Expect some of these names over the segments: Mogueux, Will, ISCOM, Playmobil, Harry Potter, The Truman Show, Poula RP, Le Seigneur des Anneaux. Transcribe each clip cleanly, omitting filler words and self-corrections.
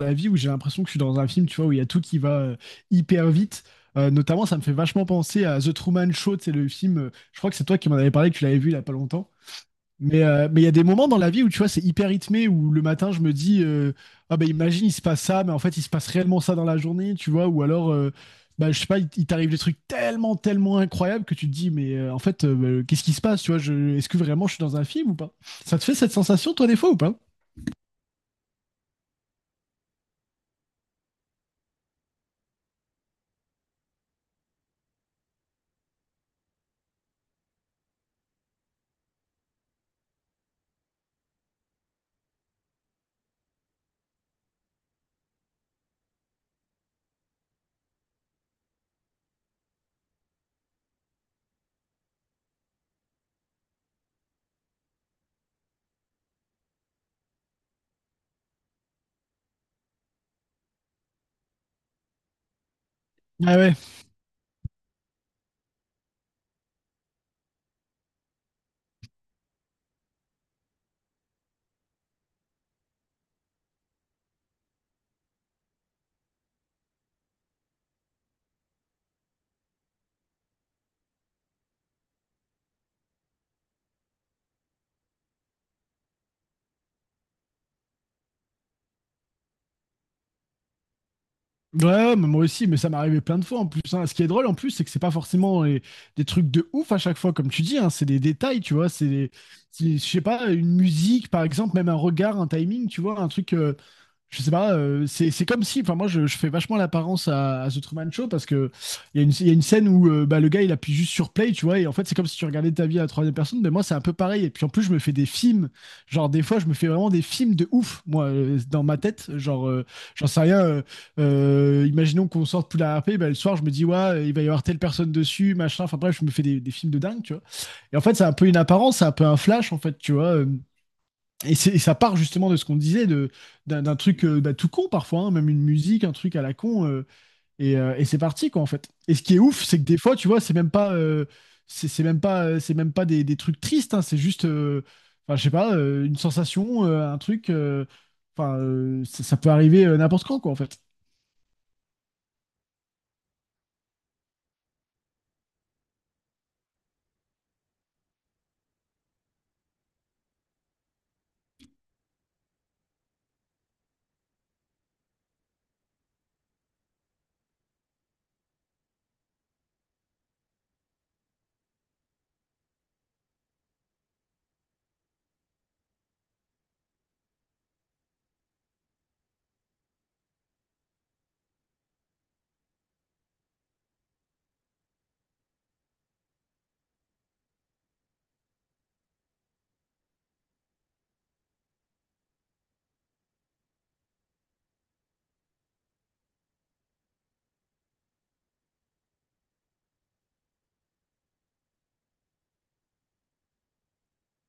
La vie où j'ai l'impression que je suis dans un film, tu vois, où il y a tout qui va hyper vite. Notamment, ça me fait vachement penser à The Truman Show, c'est le film, je crois que c'est toi qui m'en avais parlé, que tu l'avais vu il y a pas longtemps. Mais il y a des moments dans la vie où, tu vois, c'est hyper rythmé, où le matin, je me dis, ah ben imagine, il se passe ça, mais en fait, il se passe réellement ça dans la journée, tu vois, ou alors, bah, je sais pas, il t'arrive des trucs tellement, tellement incroyables que tu te dis, mais en fait, bah, qu'est-ce qui se passe, tu vois, est-ce que vraiment je suis dans un film ou pas? Ça te fait cette sensation, toi, des fois, ou pas? Ah ouais. Ouais, mais moi aussi, mais ça m'est arrivé plein de fois en plus, hein. Ce qui est drôle en plus, c'est que c'est pas forcément des trucs de ouf à chaque fois, comme tu dis, hein. C'est des détails, tu vois. C'est, je sais pas, une musique, par exemple, même un regard, un timing, tu vois, un truc. Je sais pas, c'est comme si, enfin moi je fais vachement l'apparence à The Truman Show, parce que il y, a une- il y a une scène où bah, le gars il appuie juste sur play, tu vois, et en fait c'est comme si tu regardais ta vie à la troisième personne, mais moi c'est un peu pareil. Et puis en plus je me fais des films, genre des fois je me fais vraiment des films de ouf, moi, dans ma tête, genre. J'en sais rien. Euh, imaginons qu'on sorte pour la RP, bah, le soir je me dis ouais il va y avoir telle personne dessus, machin. Enfin bref je me fais des films de dingue, tu vois. Et en fait c'est un peu une apparence, c'est un peu un flash en fait, tu vois. Et ça part justement de ce qu'on disait, d'un truc, bah, tout con parfois, hein, même une musique, un truc à la con, et c'est parti quoi en fait. Et ce qui est ouf, c'est que des fois, tu vois, c'est même pas, c'est même pas des trucs tristes, hein, c'est juste, enfin, je sais pas, une sensation, un truc. Ça peut arriver n'importe quand quoi en fait.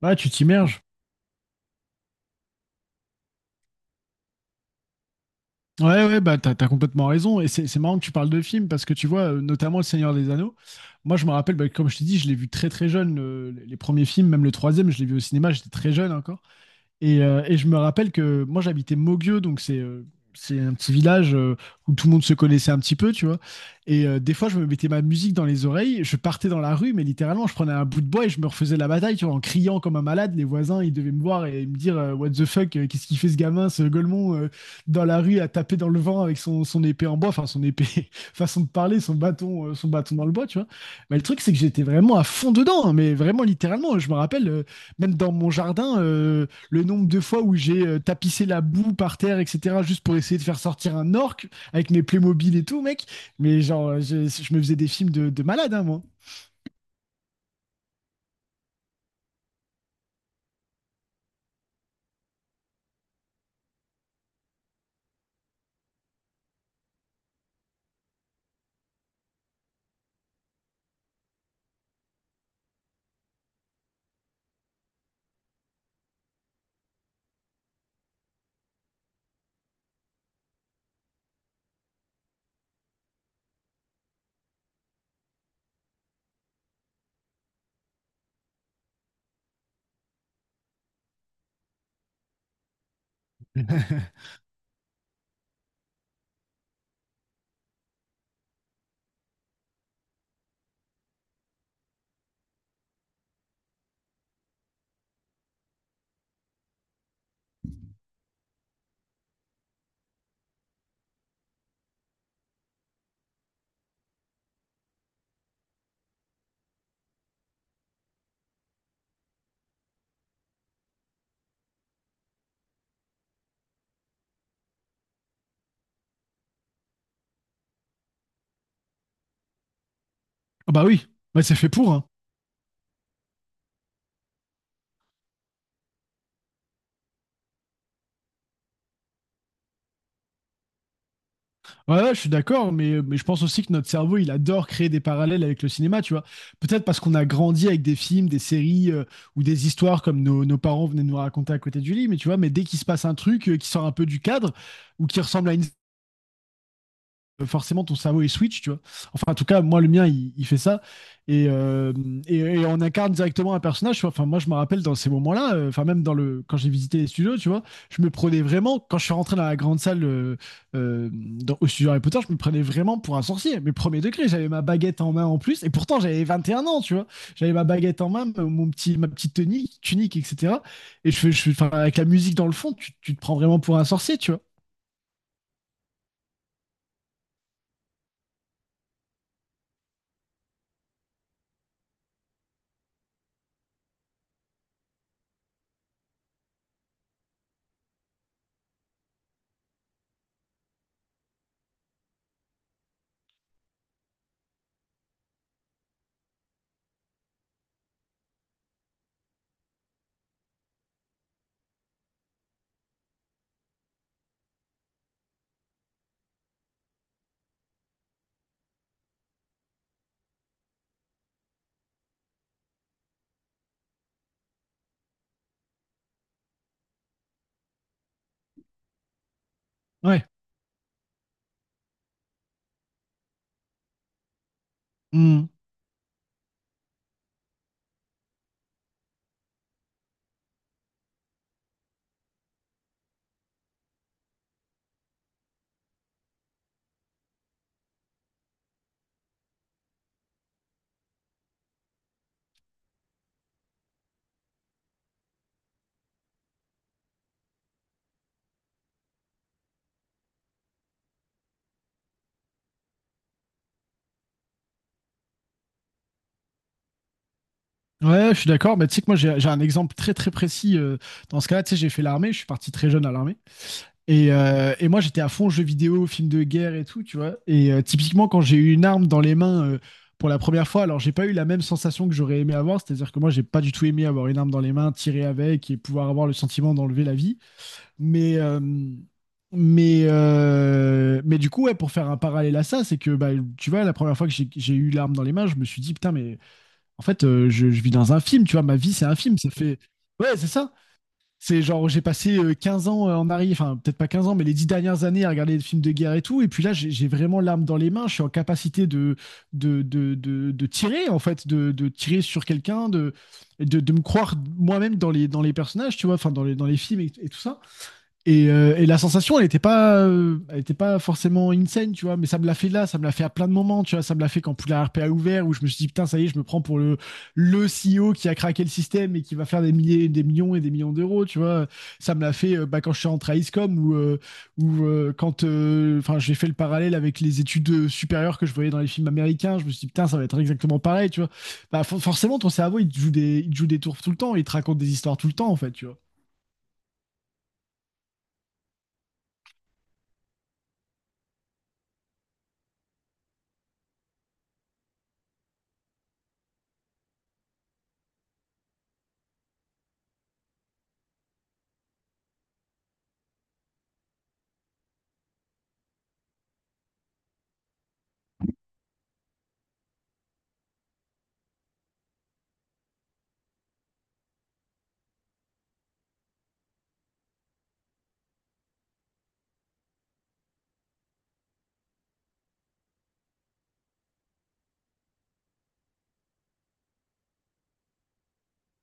Là, tu t'immerges. Ouais, ouais, bah t'as complètement raison. Et c'est marrant que tu parles de films, parce que tu vois, notamment Le Seigneur des Anneaux. Moi, je me rappelle, bah, comme je t'ai dit, je l'ai vu très très jeune. Les premiers films, même le troisième, je l'ai vu au cinéma, j'étais très jeune encore. Et je me rappelle que moi j'habitais Mogueux, donc c'est un petit village, où tout le monde se connaissait un petit peu, tu vois. Et des fois je me mettais ma musique dans les oreilles, je partais dans la rue, mais littéralement je prenais un bout de bois et je me refaisais la bataille, tu vois, en criant comme un malade. Les voisins ils devaient me voir et me dire, what the fuck, qu'est-ce qu'il fait ce gamin, ce golemon, dans la rue à taper dans le vent avec son épée en bois, enfin son épée, façon de parler, son bâton dans le bois, tu vois. Mais le truc c'est que j'étais vraiment à fond dedans, hein, mais vraiment littéralement, je me rappelle, même dans mon jardin. Le nombre de fois où j'ai tapissé la boue par terre, etc., juste pour essayer de faire sortir un orc avec mes Playmobil et tout, mec. Mais genre, je me faisais des films de malade, hein, moi. Ah bah oui, bah c'est fait pour, hein. Ouais, ouais, je suis d'accord, mais, mais je pense aussi que notre cerveau, il adore créer des parallèles avec le cinéma, tu vois. Peut-être parce qu'on a grandi avec des films, des séries, ou des histoires comme nos parents venaient nous raconter à côté du lit, mais tu vois, mais dès qu'il se passe un truc qui sort un peu du cadre ou qui ressemble à une, forcément ton cerveau il switch, tu vois. Enfin, en tout cas, moi, le mien, il fait ça. Et, euh, et on incarne directement un personnage, tu vois. Enfin, moi, je me rappelle dans ces moments-là, enfin, même dans quand j'ai visité les studios, tu vois, je me prenais vraiment, quand je suis rentré dans la grande salle, au studio Harry Potter, je me prenais vraiment pour un sorcier. Mais premier degré, j'avais ma baguette en main en plus. Et pourtant, j'avais 21 ans, tu vois. J'avais ma baguette en main, ma petite tunique, etc. Et enfin, avec la musique dans le fond, tu te prends vraiment pour un sorcier, tu vois. Ouais. Mm. Ouais, je suis d'accord, mais tu sais que moi j'ai un exemple très très précis, dans ce cas-là, tu sais, j'ai fait l'armée, je suis parti très jeune à l'armée, et moi j'étais à fond jeux vidéo, films de guerre et tout, tu vois, et typiquement quand j'ai eu une arme dans les mains, pour la première fois, alors j'ai pas eu la même sensation que j'aurais aimé avoir, c'est-à-dire que moi j'ai pas du tout aimé avoir une arme dans les mains, tirer avec et pouvoir avoir le sentiment d'enlever la vie, mais... euh, mais du coup, ouais, pour faire un parallèle à ça, c'est que bah, tu vois, la première fois que j'ai eu l'arme dans les mains, je me suis dit, putain, mais en fait, je vis dans un film, tu vois, ma vie, c'est un film. Ça fait. Ouais, c'est ça. C'est genre, j'ai passé, 15 ans, en arrière, enfin, peut-être pas 15 ans, mais les 10 dernières années à regarder des films de guerre et tout. Et puis là, j'ai vraiment l'arme dans les mains. Je suis en capacité de tirer, en fait, de tirer sur quelqu'un, de me croire moi-même dans les personnages, tu vois, enfin, dans les films et tout ça. Et la sensation, elle était pas forcément insane, tu vois, mais ça me l'a fait là, ça me l'a fait à plein de moments, tu vois, ça me l'a fait quand Poula RP a ouvert, où je me suis dit, putain, ça y est, je me prends pour le CEO qui a craqué le système et qui va faire des milliers, des millions et des millions d'euros, tu vois. Ça me l'a fait, bah, quand je suis rentré à ISCOM, ou quand enfin, j'ai fait le parallèle avec les études supérieures que je voyais dans les films américains, je me suis dit, putain, ça va être exactement pareil, tu vois. Bah, forcément, ton cerveau, il te joue des tours tout le temps, il te raconte des histoires tout le temps, en fait, tu vois.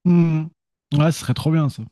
Hmm. Ouais, ce serait trop bien ça.